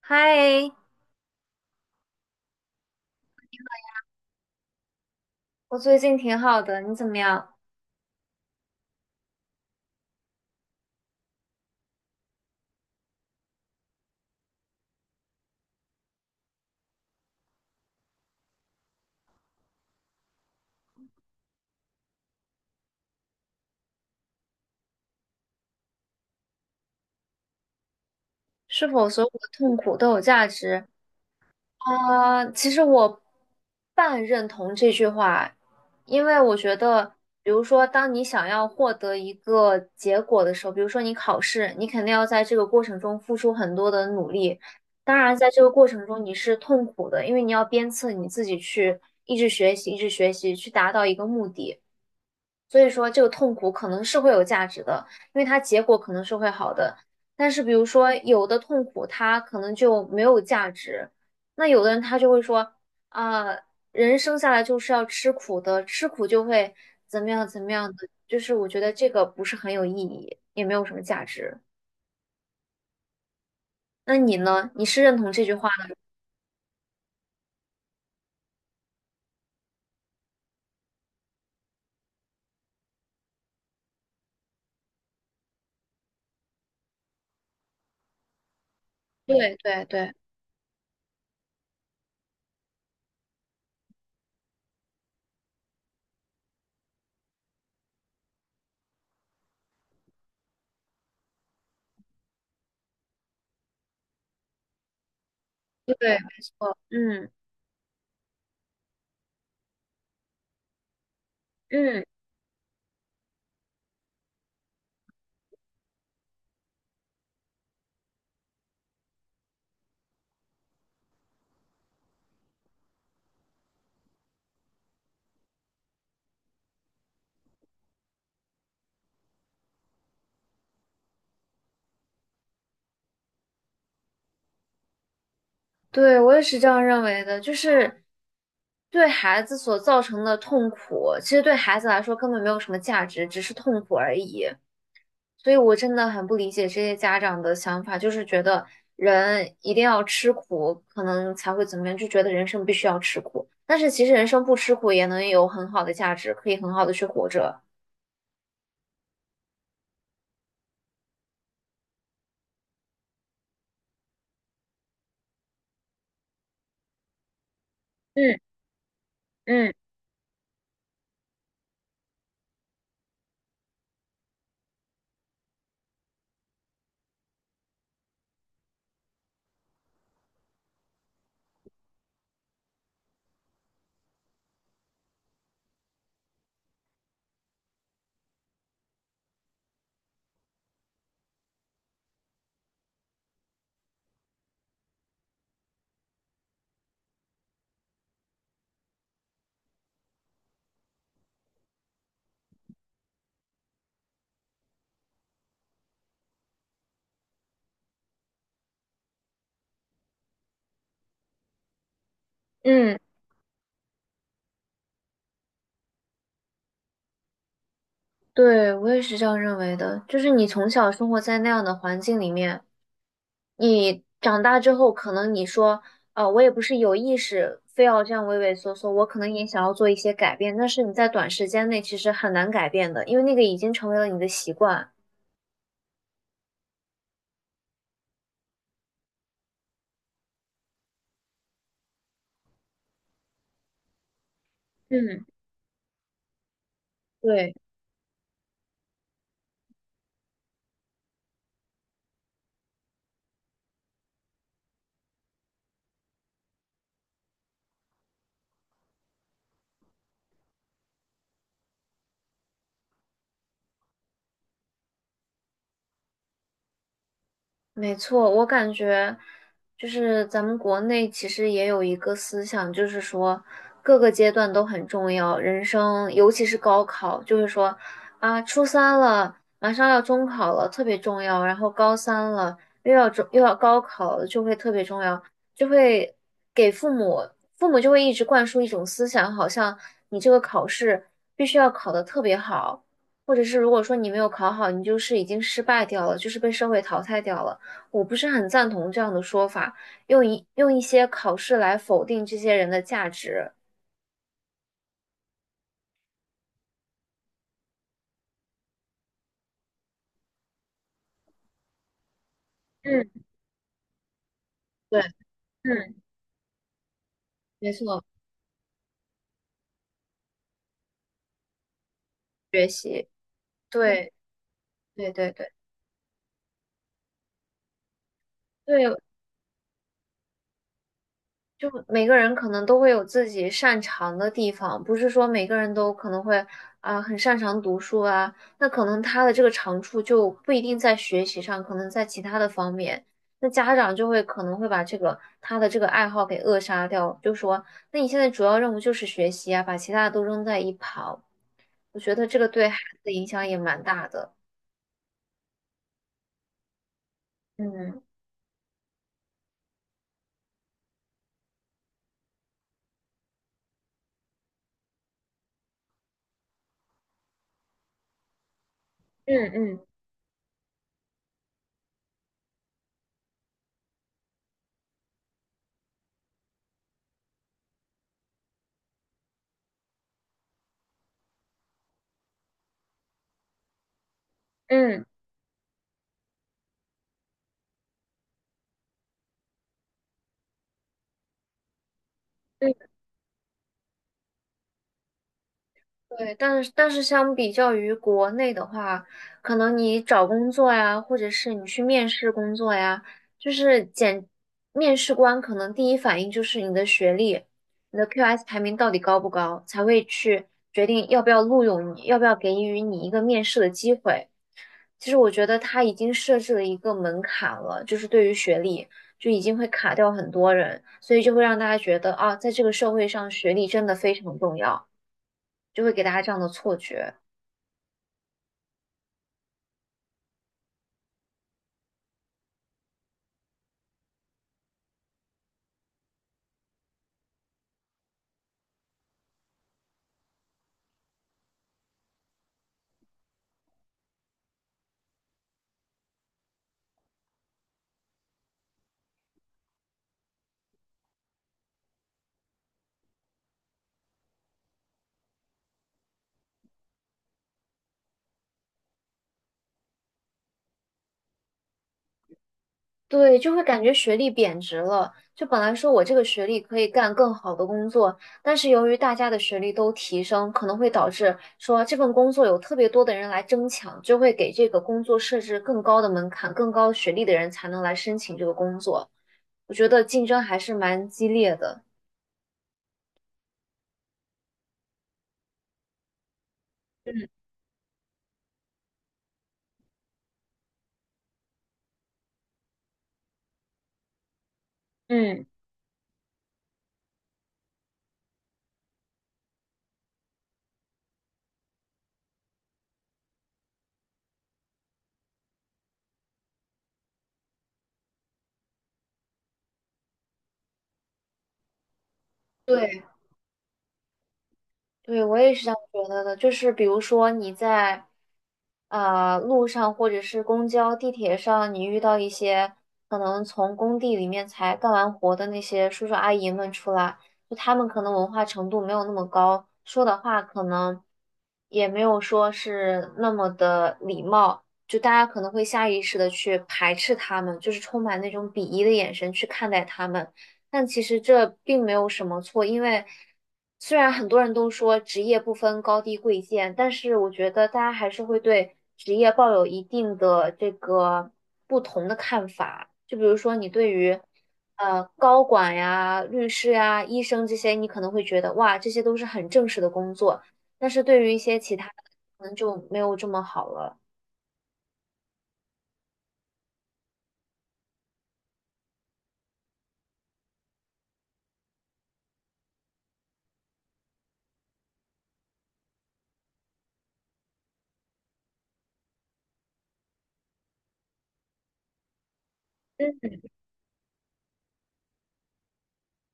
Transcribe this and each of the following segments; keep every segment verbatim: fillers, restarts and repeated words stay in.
嗨，我最近挺好的，你怎么样？是否所有的痛苦都有价值？啊、其实我半认同这句话，因为我觉得，比如说，当你想要获得一个结果的时候，比如说你考试，你肯定要在这个过程中付出很多的努力。当然，在这个过程中你是痛苦的，因为你要鞭策你自己去一直学习，一直学习，去达到一个目的。所以说这个痛苦可能是会有价值的，因为它结果可能是会好的。但是比如说有的痛苦它可能就没有价值，那有的人他就会说啊，人生下来就是要吃苦的，吃苦就会怎么样怎么样的，就是我觉得这个不是很有意义，也没有什么价值。那你呢？你是认同这句话的？对对对对，嗯嗯。对，我也是这样认为的，就是对孩子所造成的痛苦，其实对孩子来说根本没有什么价值，只是痛苦而已。所以我真的很不理解这些家长的想法，就是觉得人一定要吃苦，可能才会怎么样，就觉得人生必须要吃苦。但是其实人生不吃苦也能有很好的价值，可以很好的去活着。嗯嗯嗯，对，我也是这样认为的，就是你从小生活在那样的环境里面。你长大之后，可能你说，呃，我也不是有意识非要这样畏畏缩缩，我可能也想要做一些改变，但是你在短时间内其实很难改变的，因为那个已经成为了你的习惯。嗯。对。没错，我感觉就是咱们国内其实也有一个思想，就是说各个阶段都很重要，人生尤其是高考，就是说啊，初三了，马上要中考了，特别重要，然后高三了，又要中又要高考了，就会特别重要，就会给父母，父母就会一直灌输一种思想，好像你这个考试必须要考得特别好，或者是如果说你没有考好，你就是已经失败掉了，就是被社会淘汰掉了。我不是很赞同这样的说法，用一用一些考试来否定这些人的价值。嗯对，嗯，没错，学习，对，对对对对，就每个人可能都会有自己擅长的地方，不是说每个人都可能会啊、很擅长读书啊，那可能他的这个长处就不一定在学习上，可能在其他的方面，那家长就会可能会把这个他的这个爱好给扼杀掉，就说那你现在主要任务就是学习啊，把其他的都扔在一旁，我觉得这个对孩子的影响也蛮大的。嗯嗯嗯嗯嗯。对，但是但是相比较于国内的话，可能你找工作呀，或者是你去面试工作呀，就是简，面试官可能第一反应就是你的学历，你的 Q S 排名到底高不高，才会去决定要不要录用你，要不要给予你一个面试的机会。其实我觉得他已经设置了一个门槛了，就是对于学历就已经会卡掉很多人，所以就会让大家觉得啊，在这个社会上学历真的非常重要，就会给大家这样的错觉。对，就会感觉学历贬值了。就本来说我这个学历可以干更好的工作，但是由于大家的学历都提升，可能会导致说这份工作有特别多的人来争抢，就会给这个工作设置更高的门槛，更高学历的人才能来申请这个工作。我觉得竞争还是蛮激烈的。嗯。嗯，对。对，我也是这样觉得的。就是比如说你在啊、路上或者是公交、地铁上，你遇到一些可能从工地里面才干完活的那些叔叔阿姨们出来，就他们可能文化程度没有那么高，说的话可能也没有说是那么的礼貌，就大家可能会下意识的去排斥他们，就是充满那种鄙夷的眼神去看待他们。但其实这并没有什么错，因为虽然很多人都说职业不分高低贵贱，但是我觉得大家还是会对职业抱有一定的这个不同的看法。就比如说，你对于呃高管呀、律师呀、医生这些，你可能会觉得哇，这些都是很正式的工作，但是对于一些其他的，可能就没有这么好了。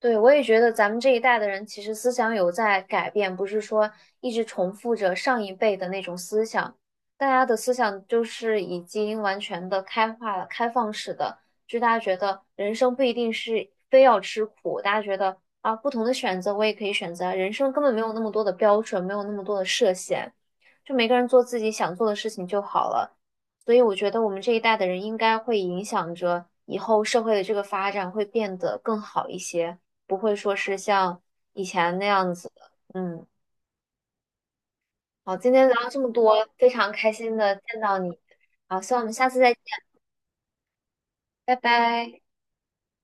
对，我也觉得咱们这一代的人其实思想有在改变，不是说一直重复着上一辈的那种思想。大家的思想就是已经完全的开化了、开放式的，就大家觉得人生不一定是非要吃苦，大家觉得啊，不同的选择我也可以选择啊，人生根本没有那么多的标准，没有那么多的设限，就每个人做自己想做的事情就好了。所以我觉得我们这一代的人应该会影响着以后社会的这个发展，会变得更好一些。不会说是像以前那样子的。嗯，好，今天聊了这么多，非常开心的见到你。好，希望我们下次再见，拜拜。